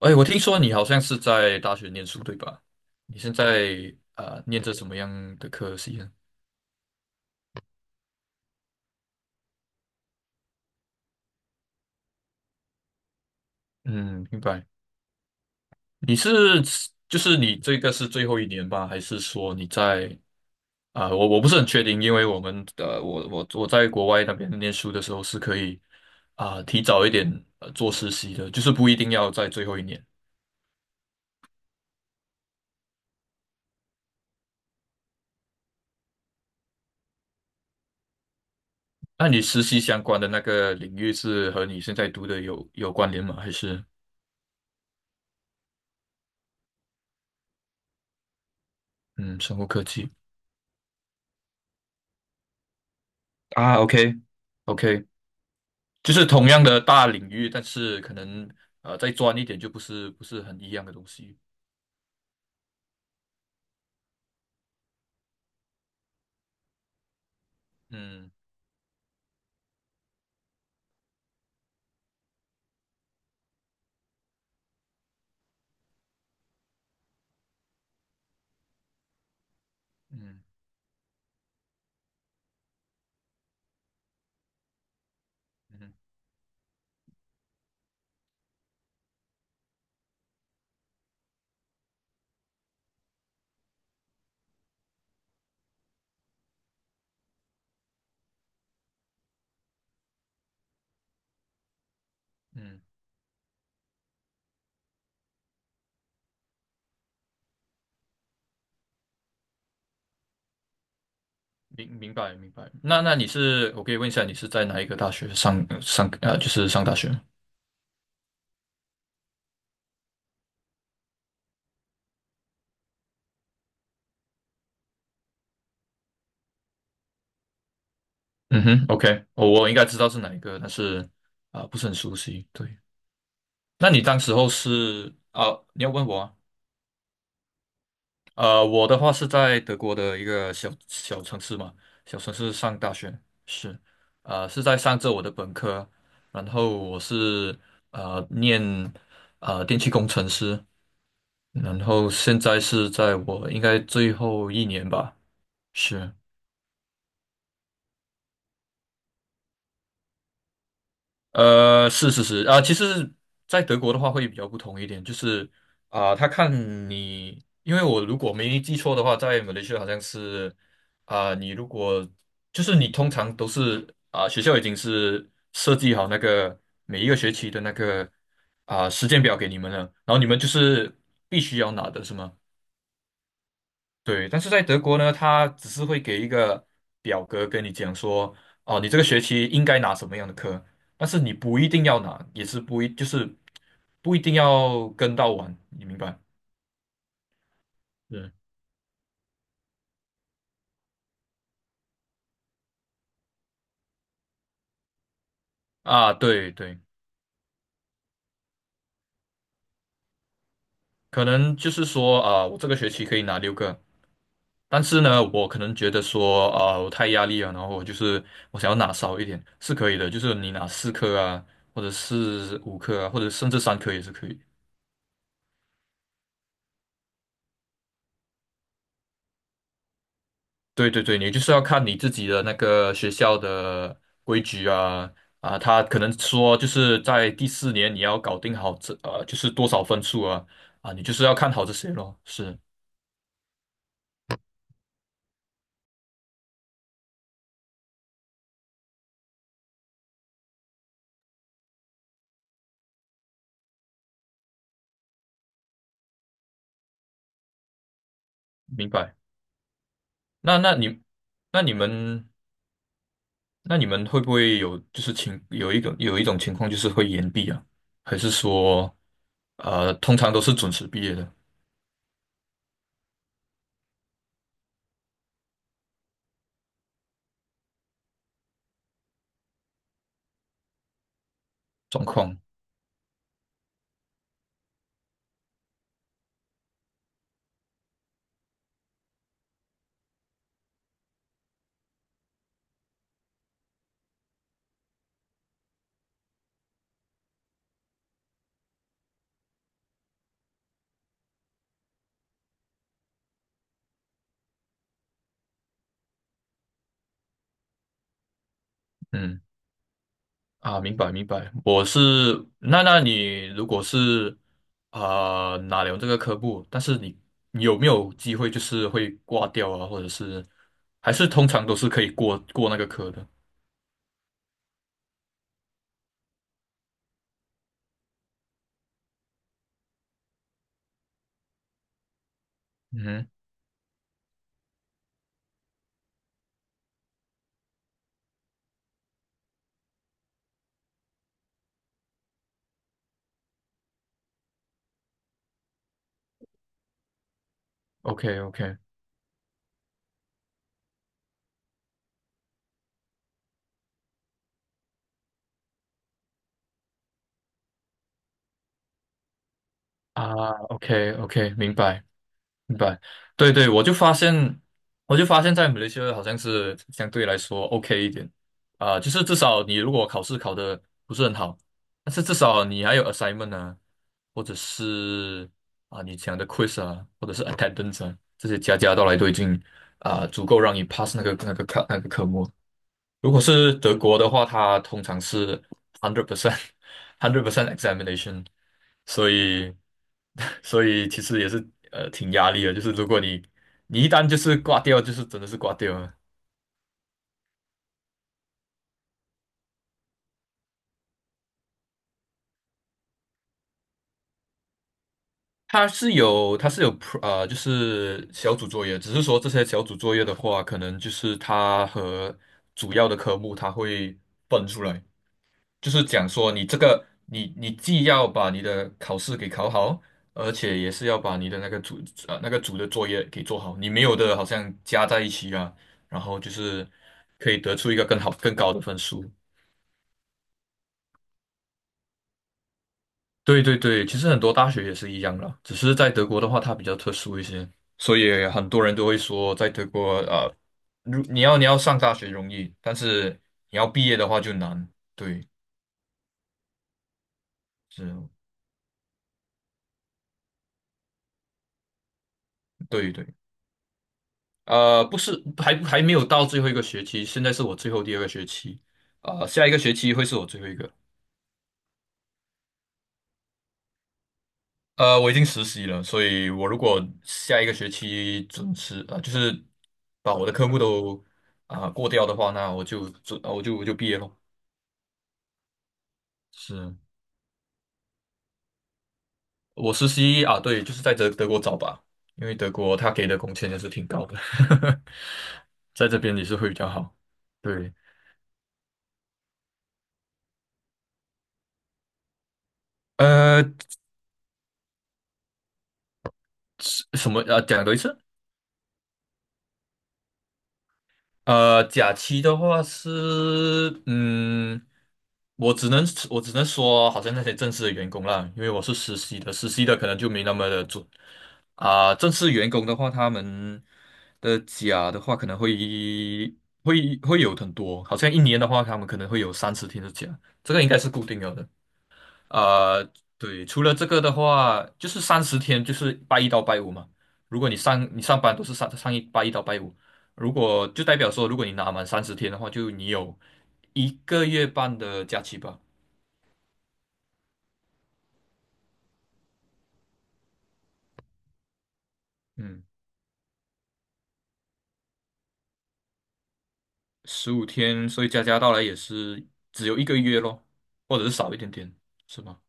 哎，我听说你好像是在大学念书，对吧？你现在念着什么样的科系呢？嗯，明白。你是你这个是最后一年吧？还是说你在啊、我我不是很确定，因为我们的我我我在国外那边念书的时候是可以提早一点做实习的，就是不一定要在最后一年。那你实习相关的那个领域是和你现在读的有关联吗？还是嗯，生物科技啊？OK。 OK。就是同样的大领域，但是可能再专一点就不是很一样的东西。嗯嗯嗯嗯，明明白明白。那那你是我可以问一下，你是在哪一个大学上上呃就是上大学吗？嗯哼，OK，我我应该知道是哪一个，但是不是很熟悉。对，那你当时候是你要问我啊？呃，我的话是在德国的一个小小城市嘛，小城市上大学，是，呃，是在上着我的本科，然后我是念电气工程师，然后现在是在我应该最后一年吧，是。呃，是啊，其实，在德国的话会比较不同一点，就是啊，他看你，因为我如果没记错的话，在马来西亚好像是啊，你如果就是你通常都是啊，学校已经是设计好那个每一个学期的那个时间表给你们了，然后你们就是必须要拿的是吗？对，但是在德国呢，他只是会给一个表格跟你讲说，哦，你这个学期应该拿什么样的课，但是你不一定要拿，也是不一，就是不一定要跟到完，你明白？嗯，对对，可能就是说我这个学期可以拿6个，但是呢，我可能觉得说我太压力了，然后我就是我想要拿少一点，是可以的，就是你拿4科啊，或者是5科啊，或者甚至3科也是可以。对对对，你就是要看你自己的那个学校的规矩啊，他可能说就是在第4年你要搞定好这就是多少分数啊啊，你就是要看好这些咯。是，明白。那那你那你们那你们会不会有就是情有一种有一种情况就是会延毕啊，还是说通常都是准时毕业的状况？嗯明白明白，我是那那你如果是哪拿了这个科目，但是你你有没有机会就是会挂掉啊，或者是还是通常都是可以过那个科的？嗯，OK。 OK。 OK， OK，明白。明白，对对，我就发现，我就发现，在马来西亚好像是相对来说 OK 一点就是至少你如果考试考的不是很好，但是至少你还有 assignment 啊，或者是你讲的 quiz 啊，或者是 attendance 啊，这些加加到来都已经足够让你 pass 那个那个课那个科目。如果是德国的话，它通常是 hundred percent， hundred percent examination，所以 所以其实也是挺压力的，就是如果你你一旦就是挂掉，就是真的是挂掉了。它是有就是小组作业，只是说这些小组作业的话，可能就是它和主要的科目它会分出来。就是讲说你这个你你既要把你的考试给考好，而且也是要把你的那个组那个组的作业给做好，你没有的好像加在一起啊，然后就是可以得出一个更好更高的分数。对对对，其实很多大学也是一样啦，只是在德国的话，它比较特殊一些，所以很多人都会说，在德国如你要你要上大学容易，但是你要毕业的话就难。对，是，对对。呃，不是，还还没有到最后一个学期，现在是我最后第二个学期，呃，下一个学期会是我最后一个。呃，我已经实习了，所以我如果下一个学期准时，呃，就是把我的科目都过掉的话，那我就准，呃我就我就毕业咯。是，我实习啊，对，就是在德德国找吧，因为德国他给的工钱也是挺高的，在这边也是会比较好。对，呃，什么啊？讲多一次。呃，假期的话是，嗯，我只能我只能说，好像那些正式的员工啦，因为我是实习的，实习的可能就没那么的准正式员工的话，他们的假的话可能会有很多，好像一年的话，他们可能会有三十天的假，这个应该是固定了的。呃，对，除了这个的话，就是三十天，就是拜一到拜五嘛。如果你上你上班都是上拜一到拜五，如果就代表说，如果你拿满三十天的话，就你有一个月半的假期吧。嗯，15天，所以加加到来也是只有一个月咯，或者是少一点点，是吗？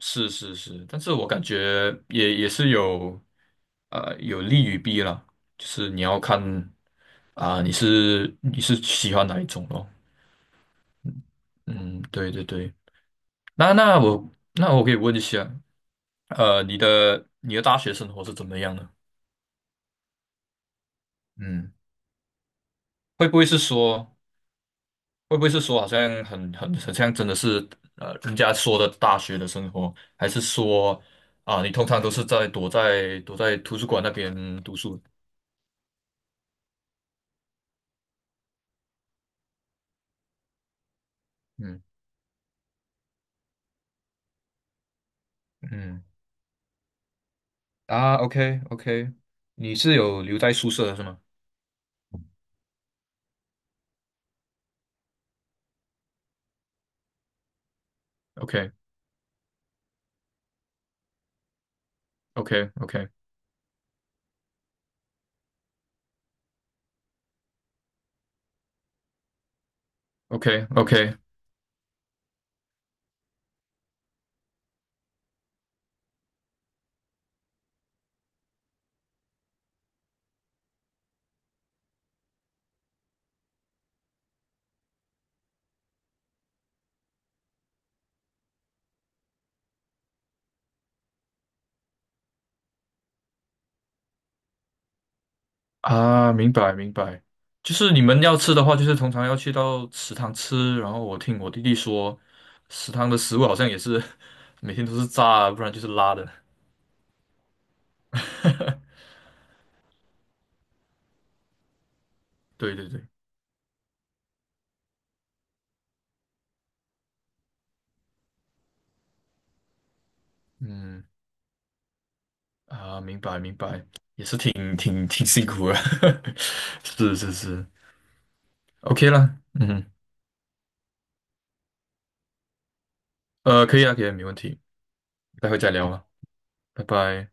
是，但是我感觉也也是有，呃，有利与弊啦，就是你要看你是你是喜欢哪一种咯。嗯，对对对，那我可以问一下，呃，你的你的大学生活是怎么样的？嗯，会不会是说，会不会是说，好像很像真的是人家说的大学的生活，还是说啊，你通常都是在躲在图书馆那边读书？嗯嗯，OK， OK，你是有留在宿舍的是吗？OK， OK。 OK， OK。 OK。啊，明白明白，就是你们要吃的话，就是通常要去到食堂吃。然后我听我弟弟说，食堂的食物好像也是 每天都是炸的，不然就是拉的。对对对，嗯，啊，明白明白，挺挺挺辛苦的，是是是，OK 啦，嗯，呃，可以啊可以啊，没问题，待会再聊啊，拜拜。